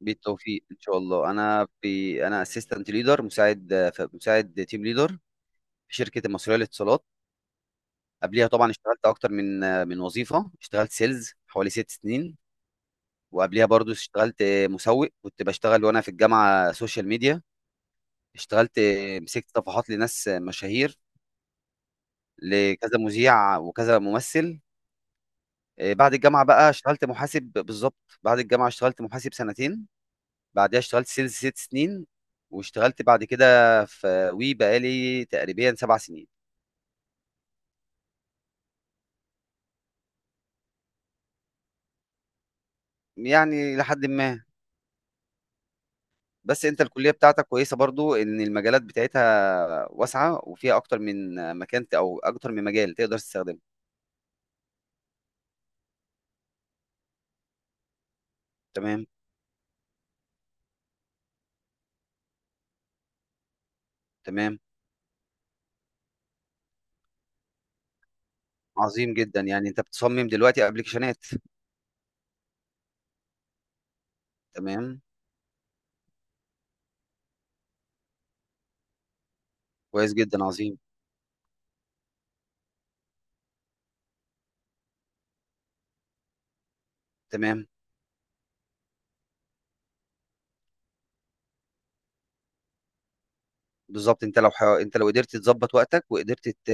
بالتوفيق ان شاء الله انا اسيستنت ليدر مساعد تيم ليدر في شركه المصريه للاتصالات. قبليها طبعا اشتغلت اكتر من وظيفه، اشتغلت سيلز حوالي ست سنين، وقبليها برضو اشتغلت مسوق، كنت بشتغل وانا في الجامعه سوشيال ميديا، اشتغلت مسكت صفحات لناس مشاهير، لكذا مذيع وكذا ممثل. بعد الجامعه بقى اشتغلت محاسب، بالظبط بعد الجامعه اشتغلت محاسب سنتين، بعدها اشتغلت سيلز ست سنين، واشتغلت بعد كده في وي بقالي تقريبا سبع سنين، يعني لحد ما. بس انت الكلية بتاعتك كويسة برضو، ان المجالات بتاعتها واسعة وفيها اكتر من مكان او اكتر من مجال تقدر تستخدمه. تمام، تمام. عظيم جدا، يعني انت بتصمم دلوقتي ابلكيشنات. تمام، كويس جدا، عظيم. تمام. بالظبط، انت لو قدرت تظبط وقتك وقدرت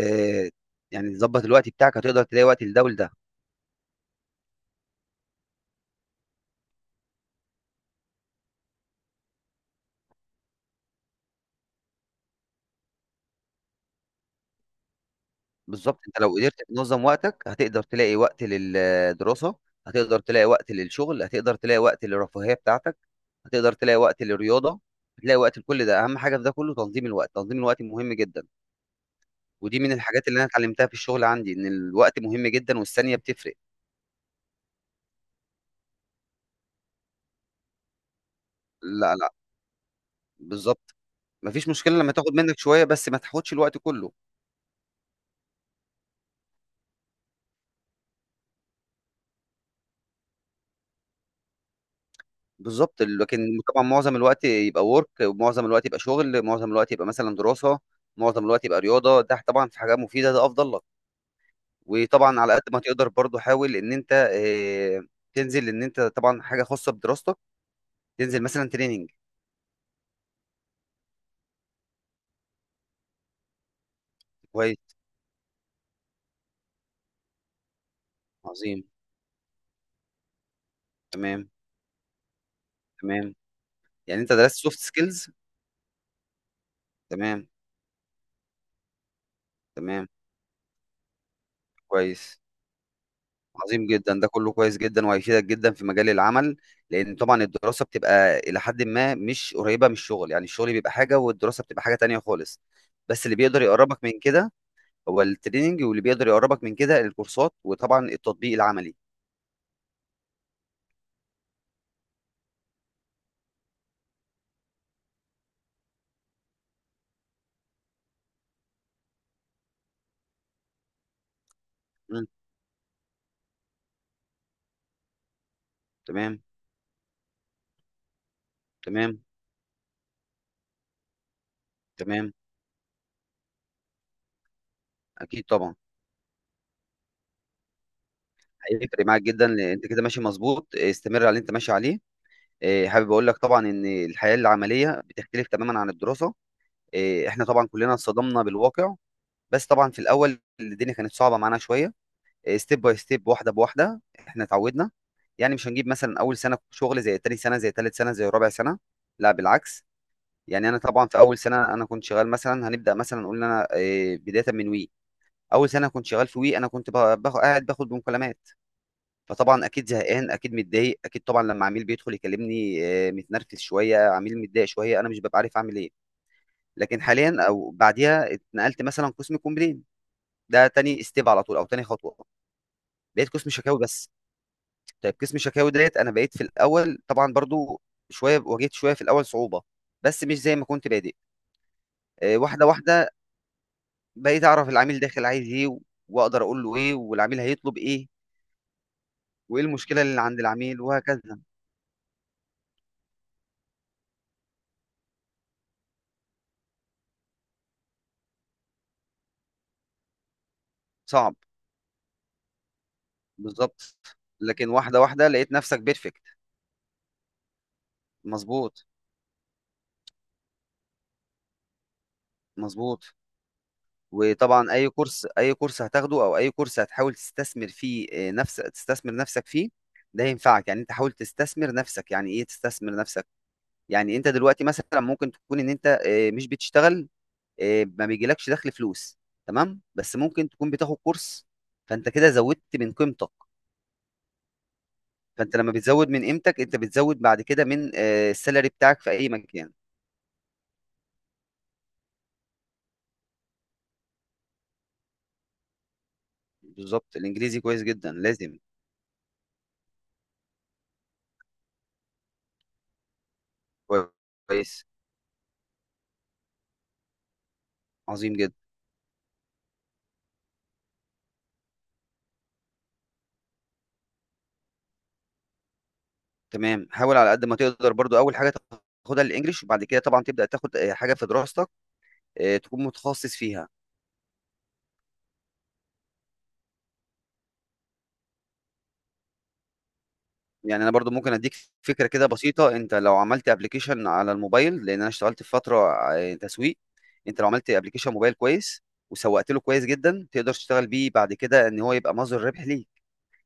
يعني تظبط الوقت بتاعك، هتقدر تلاقي وقت لده ولده. بالظبط، انت لو قدرت تنظم وقتك، هتقدر تلاقي وقت للدراسة، هتقدر تلاقي وقت للشغل، هتقدر تلاقي وقت للرفاهية بتاعتك، هتقدر تلاقي وقت للرياضة، هتلاقي وقت لكل ده. اهم حاجة في ده كله تنظيم الوقت، تنظيم الوقت مهم جدا. ودي من الحاجات اللي انا اتعلمتها في الشغل عندي، ان الوقت مهم جدا والثانية بتفرق. لا، لا، بالظبط. مفيش مشكلة لما تاخد منك شوية، بس ما تاخدش الوقت كله. بالظبط. لكن طبعا معظم الوقت يبقى ورك، ومعظم الوقت يبقى شغل، معظم الوقت يبقى مثلا دراسة، معظم الوقت يبقى رياضة، ده طبعا في حاجة مفيدة، ده أفضل لك. وطبعا على قد ما تقدر برضو حاول ان انت تنزل ان انت طبعا حاجه خاصه بدراستك، تنزل مثلا تريننج. كويس. عظيم. تمام، تمام. يعني انت درست سوفت سكيلز. تمام، تمام. كويس. عظيم جدا، ده كله كويس جدا وهيفيدك جدا في مجال العمل. لان طبعا الدراسه بتبقى الى حد ما مش قريبه من الشغل، يعني الشغل بيبقى حاجه والدراسه بتبقى حاجه تانية خالص. بس اللي بيقدر يقربك من كده هو التريننج، واللي بيقدر يقربك من كده الكورسات، وطبعا التطبيق العملي. مم. تمام. تمام. تمام. اكيد طبعا. هيفرق معاك جدا، لان انت كده ماشي مظبوط، استمر على اللي انت ماشي عليه. حابب اقول لك طبعا ان الحياه العمليه بتختلف تماما عن الدراسه. احنا طبعا كلنا اتصدمنا بالواقع. بس طبعا في الاول الدنيا كانت صعبه معانا شويه. ستيب باي ستيب، واحده بواحده، احنا اتعودنا. يعني مش هنجيب مثلا اول سنه شغل زي تاني سنه، زي تالت سنه، زي رابع سنه، لا بالعكس. يعني انا طبعا في اول سنه، انا كنت شغال مثلا، هنبدا مثلا نقول إن انا بدايه من وي. اول سنه كنت شغال في وي، انا كنت باخد، قاعد باخد بمكالمات، فطبعًا أكيد زهقان، أكيد متضايق، أكيد طبعًا لمّا عميل بيدخل يكلمني متنرفز شوية، عميل متضايق شوية، أنا مش بابقى عارف أعمل إيه. لكن حاليًا أو بعديها اتنقلت مثلًا قسم complain، ده تاني step على طول، أو تاني خطوة، بقيت قسم شكاوي بس. طيب قسم شكاوي ديّة، أنا بقيت في الأول طبعًا برضه شوية، واجهت شوية في الأول صعوبة، بس مش زي ما كنت بادئ. واحدة، واحدة بقيت أعرف العميل داخل عايز إيه، وأقدر أقول له إيه، والعميل هيطلب إيه، وإيه المشكلة اللي عند العميل وهكذا. صعب. بالظبط. لكن واحدة واحدة لقيت نفسك بيرفكت. مظبوط. مظبوط. وطبعا اي كورس هتاخده، او اي كورس هتحاول تستثمر فيه، آه، نفس تستثمر نفسك فيه، ده ينفعك. يعني انت حاول تستثمر نفسك. يعني ايه تستثمر نفسك؟ يعني انت دلوقتي مثلا ممكن تكون ان انت مش بتشتغل، ما بيجيلكش دخل، فلوس. تمام. بس ممكن تكون بتاخد كورس، فانت كده زودت من قيمتك. فانت لما بتزود من قيمتك، انت بتزود بعد كده من السالري بتاعك في اي مكان. بالظبط، الانجليزي كويس جدا، لازم. كويس. عظيم جدا. تمام، حاول على قد ما تقدر برضو اول حاجه تاخدها الانجليش، وبعد كده طبعا تبدا تاخد حاجه في دراستك، تكون متخصص فيها. يعني انا برضو ممكن اديك فكره كده بسيطه. انت لو عملت ابلكيشن على الموبايل، لان انا اشتغلت في فتره تسويق، انت لو عملت ابلكيشن موبايل كويس وسوقت له كويس جدا، تقدر تشتغل بيه بعد كده، ان هو يبقى مصدر ربح ليك.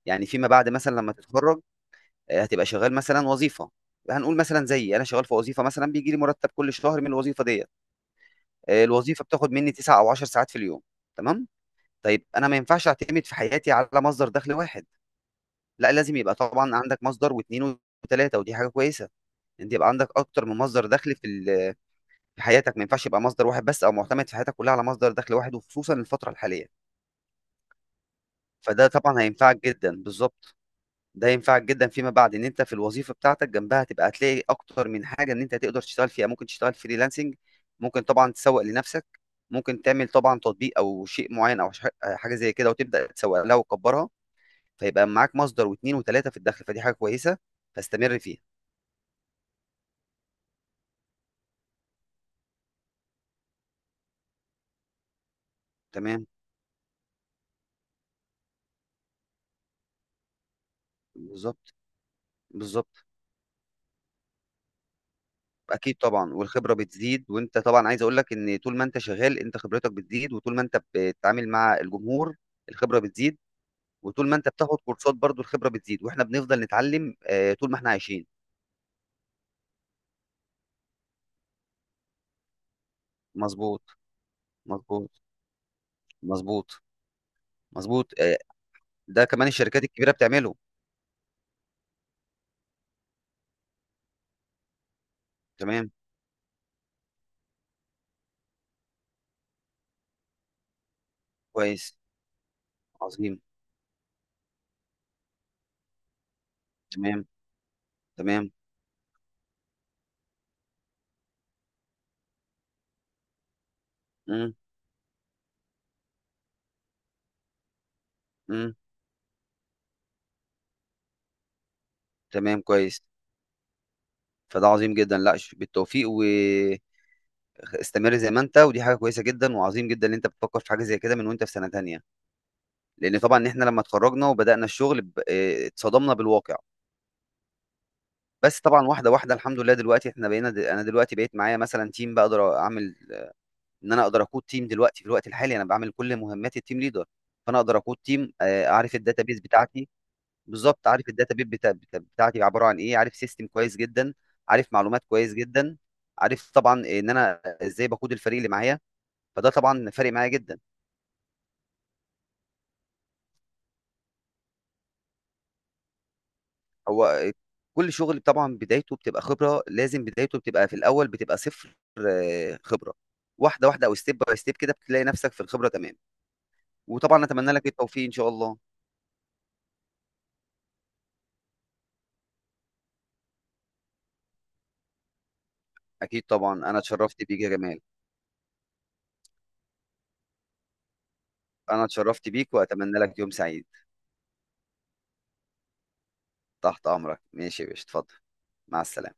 يعني فيما بعد، مثلا لما تتخرج، هتبقى شغال مثلا وظيفه، هنقول مثلا زيي انا شغال في وظيفه، مثلا بيجي لي مرتب كل شهر من الوظيفه ديت، الوظيفه بتاخد مني 9 او 10 ساعات في اليوم. تمام. طيب انا ما ينفعش اعتمد في حياتي على مصدر دخل واحد، لا، لازم يبقى طبعا عندك مصدر واثنين وثلاثه. ودي حاجه كويسه، انت يبقى عندك اكتر من مصدر دخل في في حياتك، ما ينفعش يبقى مصدر واحد بس، او معتمد في حياتك كلها على مصدر دخل واحد، وخصوصا الفتره الحاليه. فده طبعا هينفعك جدا. بالظبط. ده ينفعك جدا فيما بعد، ان انت في الوظيفه بتاعتك جنبها تبقى هتلاقي اكتر من حاجه ان انت تقدر تشتغل فيها. ممكن تشتغل فريلانسنج، ممكن طبعا تسوق لنفسك، ممكن تعمل طبعا تطبيق او شيء معين، او حاجه زي كده وتبدا تسوق لها وتكبرها. فيبقى معاك مصدر واثنين وثلاثه في الدخل، فدي حاجه كويسه، فاستمر فيها. تمام. بالظبط. بالظبط. اكيد طبعا والخبره بتزيد. وانت طبعا عايز اقول لك ان طول ما انت شغال، انت خبرتك بتزيد، وطول ما انت بتتعامل مع الجمهور الخبره بتزيد، وطول ما انت بتاخد كورسات برضو الخبرة بتزيد، واحنا بنفضل نتعلم طول ما احنا عايشين. مظبوط. مظبوط. مظبوط. مظبوط. ده كمان الشركات الكبيرة بتعمله. تمام. كويس. عظيم. تمام، تمام. امم امم تمام. كويس. فده عظيم جدا، لا، بالتوفيق واستمر زي ما انت. ودي حاجة كويسة جدا، وعظيم جدا ان انت بتفكر في حاجة زي كده من وانت في سنة تانية. لان طبعا احنا لما اتخرجنا وبدأنا الشغل اتصدمنا بالواقع. بس طبعا واحده واحده الحمد لله دلوقتي احنا انا دلوقتي بقيت معايا مثلا تيم، بقدر اعمل ان انا اقدر اقود تيم دلوقتي. في الوقت الحالي انا بعمل كل مهمات التيم ليدر، فانا اقدر اقود تيم، اعرف الداتابيز بتاعتي. بالظبط، عارف الداتابيز بتاعتي عباره عن ايه، عارف سيستم كويس جدا، عارف معلومات كويس جدا، عارف طبعا ان انا ازاي بقود الفريق اللي معايا. فده طبعا فارق معايا جدا. هو كل شغل طبعا بدايته بتبقى خبرة، لازم بدايته بتبقى في الأول بتبقى صفر خبرة، واحدة واحدة أو ستيب باي ستيب كده بتلاقي نفسك في الخبرة. تمام. وطبعا أتمنى لك التوفيق إن شاء الله. أكيد طبعا، أنا اتشرفت بيك يا جمال. أنا اتشرفت بيك وأتمنى لك يوم سعيد. تحت أمرك، ماشي يا باشا، اتفضل. مع السلامة.